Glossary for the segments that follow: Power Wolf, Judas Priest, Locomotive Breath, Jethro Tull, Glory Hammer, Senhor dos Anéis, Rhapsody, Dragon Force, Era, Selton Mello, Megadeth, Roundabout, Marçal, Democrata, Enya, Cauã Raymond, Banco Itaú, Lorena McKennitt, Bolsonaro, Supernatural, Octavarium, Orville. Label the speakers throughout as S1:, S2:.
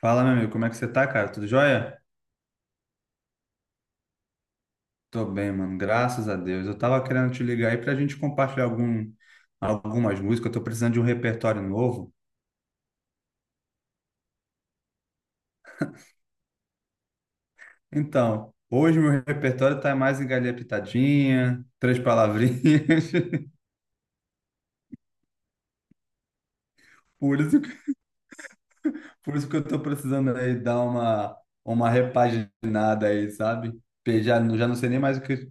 S1: Fala, meu amigo, como é que você tá, cara? Tudo jóia? Tô bem, mano, graças a Deus. Eu tava querendo te ligar aí pra gente compartilhar algumas músicas. Eu tô precisando de um repertório novo. Então, hoje meu repertório tá mais em galinha pitadinha, três palavrinhas. Por isso, que- por isso que eu tô precisando aí dar uma repaginada aí, sabe? Já não sei nem mais o que.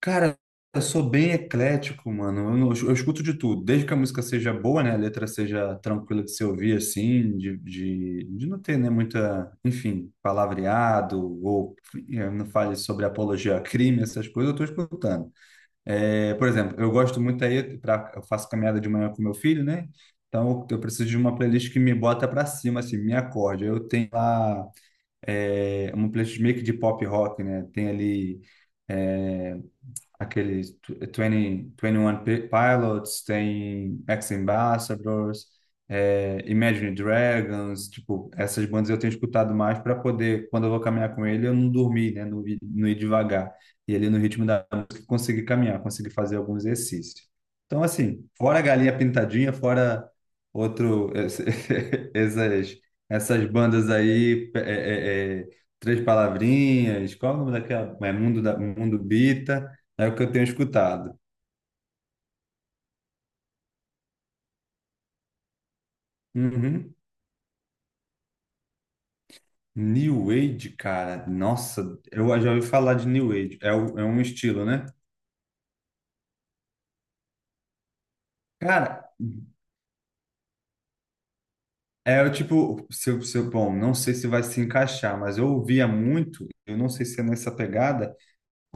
S1: Cara, eu sou bem eclético, mano. Eu, não- Eu escuto de tudo, desde que a música seja boa, né? A letra seja tranquila de se ouvir, assim, de não ter, né, muita, enfim, palavreado, ou não fale sobre apologia a crime, essas coisas, eu tô escutando. É, por exemplo, eu gosto muito aí, eu faço caminhada de manhã com meu filho, né? Então, eu preciso de uma playlist que me bota pra cima, assim, me acorde. Eu tenho lá, uma playlist meio que de pop rock, né? Tem ali. é, Aqueles 20, 21 Pilots, tem Ex-Ambassadors, Imagine Dragons, tipo, essas bandas eu tenho escutado mais para poder, quando eu vou caminhar com ele, eu não dormir, né, não ir devagar. E ele no ritmo da música conseguir caminhar, conseguir fazer alguns exercícios. Então, assim, fora a galinha pintadinha, fora outro, essas, essas bandas aí, Três Palavrinhas, qual é o nome daquela? É Mundo, Mundo Bita. É o que eu tenho escutado. Uhum. New Age, cara, nossa, eu já ouvi falar de New Age. É, é um estilo, né? Cara, é o tipo, se, eu- se, eu- bom, não sei se vai se encaixar, mas eu ouvia muito, eu não sei se é nessa pegada,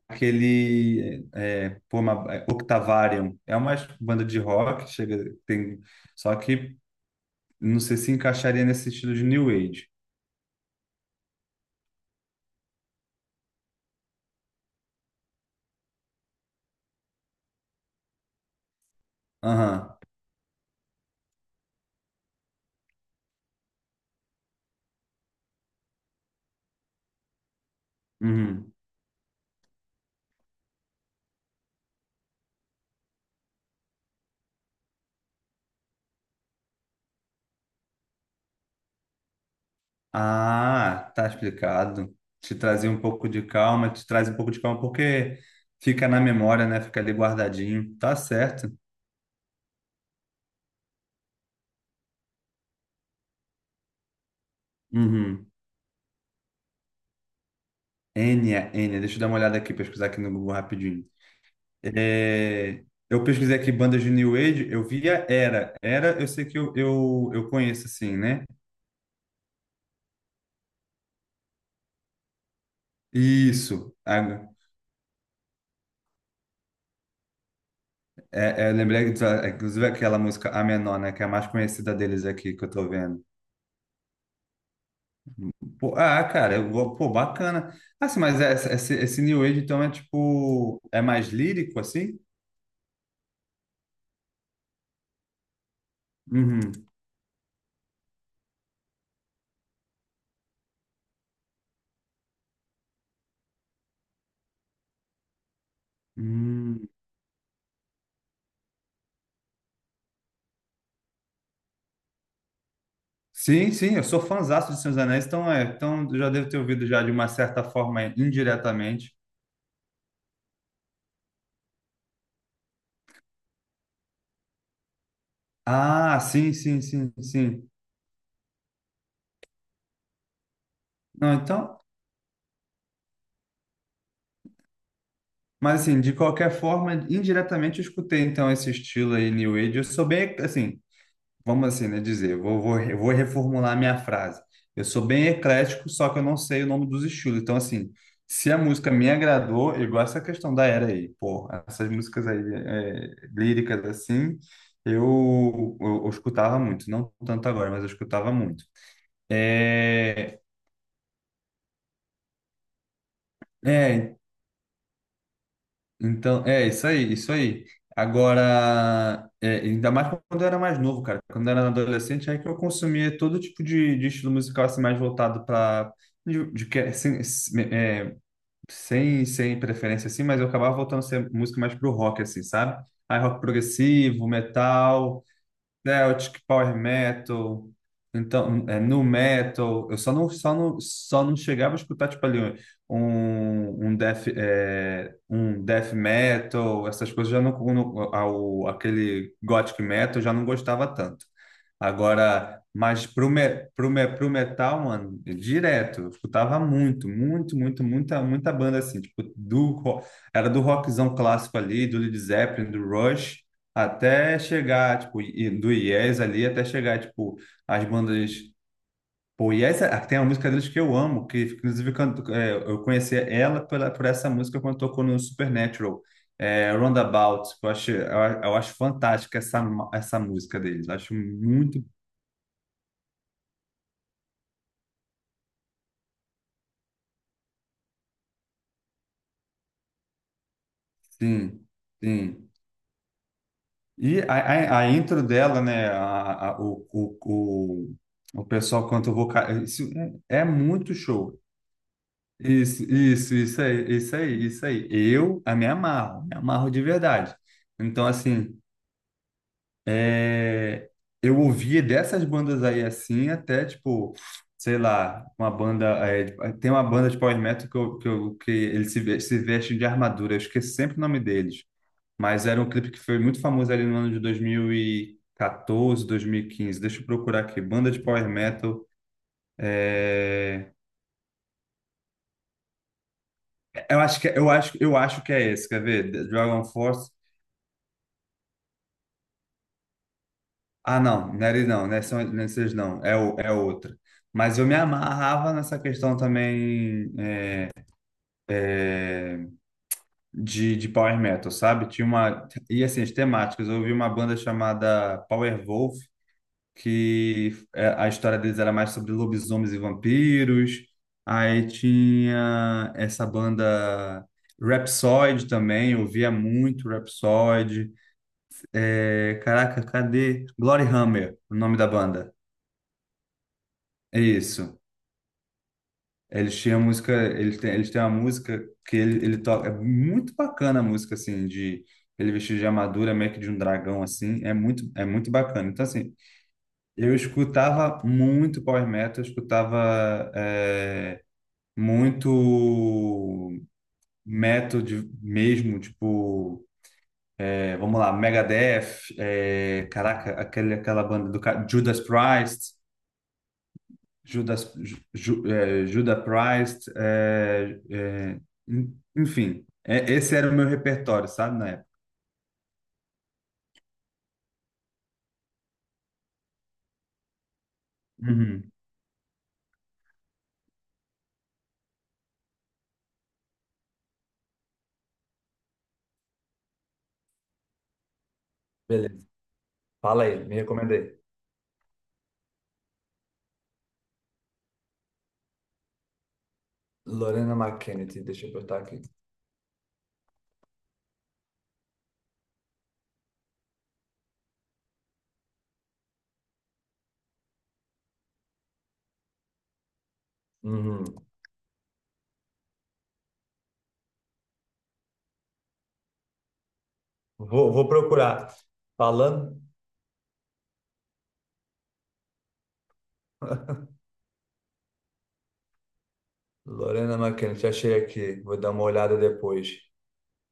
S1: aquele é, pô, é, Octavarium. É uma banda de rock, chega, tem, só que não sei se encaixaria nesse estilo de New Age. Aham. Uhum. Ah, tá explicado. Te trazia um pouco de calma, te traz um pouco de calma porque fica na memória, né? Fica ali guardadinho. Tá certo. Uhum. Enya, deixa eu dar uma olhada aqui, pesquisar aqui no Google rapidinho. É, eu pesquisei aqui bandas de New Age, eu via Era. Era, eu sei que eu conheço, assim, né? Isso. Eu lembrei, inclusive, aquela música A Menor, né? Que é a mais conhecida deles aqui que eu tô vendo. Pô, ah, cara, pô, bacana. Ah, sim, mas esse, esse New Age, então, é tipo, é mais lírico, assim? Uhum. Hum. Sim, sim, eu sou fãzaço de Senhor dos Anéis, então, é, então eu já devo ter ouvido já de uma certa forma, é, indiretamente. Ah, sim, sim, sim, sim. Não, então, mas assim, de qualquer forma, indiretamente eu escutei, então, esse estilo aí, New Age. Eu sou bem, assim, vamos assim, né, dizer, eu vou reformular a minha frase. Eu sou bem eclético, só que eu não sei o nome dos estilos. Então, assim, se a música me agradou, igual essa questão da era aí, pô, essas músicas aí é, líricas assim, eu escutava muito, não tanto agora, mas eu escutava muito. É, é, Então, é isso aí, isso aí. Agora, ainda mais quando eu era mais novo, cara. Quando eu era adolescente, aí que eu consumia todo tipo de estilo musical assim, mais voltado para de que- sem, é, sem, sem preferência assim, mas eu acabava voltando a ser música mais pro rock assim, sabe? Aí rock progressivo, metal, Celtic, Power Metal, então, Nu Metal. Eu só não chegava a escutar, tipo, ali um death metal, essas coisas já não, não ao, aquele gothic metal eu já não gostava tanto. Agora, mas pro metal, mano, direto, eu escutava muita banda assim, tipo, era do rockzão clássico ali, do Led Zeppelin, do Rush, até chegar, tipo, do Yes ali, até chegar, tipo, as bandas. Pô, Yes, ah, tem uma música deles que eu amo, que inclusive eu conheci ela pela, por essa música quando tocou no Supernatural, Roundabout. Eu acho fantástica essa, essa música deles. Acho muito. Sim, sim. E a intro dela, né? O pessoal canta o vocal. Isso é muito show. Isso aí, isso aí, isso aí. Eu a me amarro de verdade. Então, assim, é, eu ouvia dessas bandas aí assim, até tipo, sei lá, uma banda. É, de- tem uma banda de power metal que, que eles se vestem de armadura, eu esqueço sempre o nome deles. Mas era um clipe que foi muito famoso ali no ano de dois mil e quatorze, 2015. Deixa eu procurar aqui. Banda de power metal. É, eu acho que é esse, quer ver? The Dragon Force. Ah, não, não era isso não, não é não é vocês não, é, é outra. Mas eu me amarrava nessa questão também de power metal, sabe? Tinha uma. E assim, as temáticas. Eu ouvi uma banda chamada Power Wolf, que é, a história deles era mais sobre lobisomens e vampiros. Aí tinha essa banda Rhapsody também, eu ouvia muito Rhapsody. É, caraca, cadê? Glory Hammer, o nome da banda. É isso. Eles tinham música, eles têm uma música que ele toca, é muito bacana a música, assim, de ele vestido de armadura, meio que de um dragão, assim, é muito bacana. Então, assim, eu escutava muito power metal, eu escutava muito metal mesmo, tipo, vamos lá, Megadeth, é, caraca, aquela banda Judas Priest, Judas, Ju- Judas Priest, enfim, esse era o meu repertório, sabe, na época. Uhum. Beleza. Fala aí, me recomenda aí. Lorena McKennitt, deixa eu botar aqui. Uhum. Vou, vou procurar. Falando. Lorena McKennitt, achei aqui. Vou dar uma olhada depois.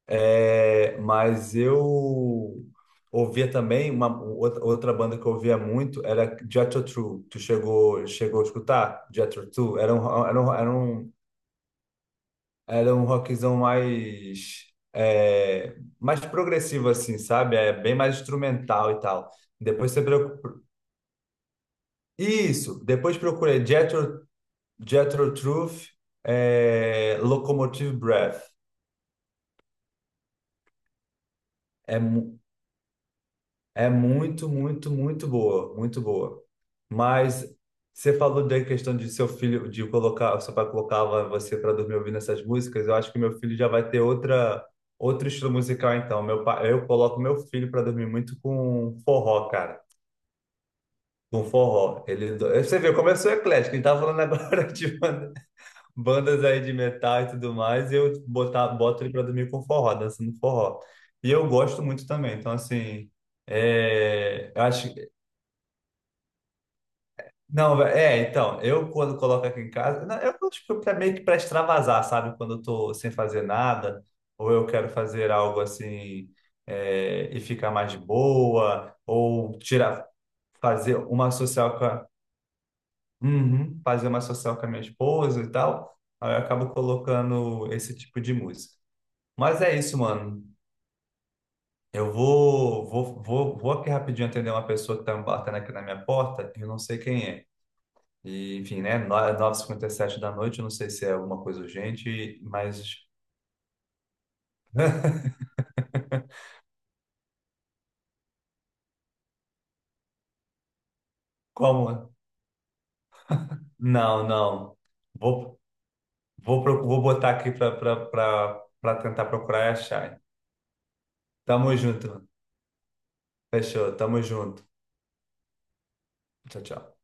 S1: É, mas eu ouvia também uma outra banda que eu ouvia muito era Jethro Tull. Tu chegou a escutar Jethro Tull? Era um rockzão mais mais progressivo assim, sabe? É bem mais instrumental e tal. Depois você procura. Isso, depois procurei Jethro Tull Locomotive Breath. É, mu- É muito, muito, muito boa, muito boa. Mas você falou da questão de seu filho, de colocar, seu pai colocava você para dormir ouvindo essas músicas. Eu acho que meu filho já vai ter outra, outro estilo musical então. Meu pai, eu coloco meu filho para dormir muito com forró, cara. Com forró. Ele, você vê, começou eclético. Ele tava falando agora de bandas aí de metal e tudo mais. E eu boto ele para dormir com forró, dançando forró. E eu gosto muito também. Então, assim. É, eu acho, Não, então, eu quando coloco aqui em casa, não, eu acho que é pra, meio que para extravasar, sabe? Quando eu tô sem fazer nada, ou eu quero fazer algo assim e ficar mais de boa, ou tirar, fazer uma social Uhum, fazer uma social com a minha esposa e tal, aí eu acabo colocando esse tipo de música. Mas é isso, mano. Eu vou aqui rapidinho atender uma pessoa que tá me batendo aqui na minha porta, eu não sei quem é. E, enfim, né? 9:57 da noite, eu não sei se é alguma coisa urgente, mas como? Não, não. Vou, Vou botar aqui para tentar procurar e achar. Tamo junto. Fechou. Tamo junto. Tchau, tchau.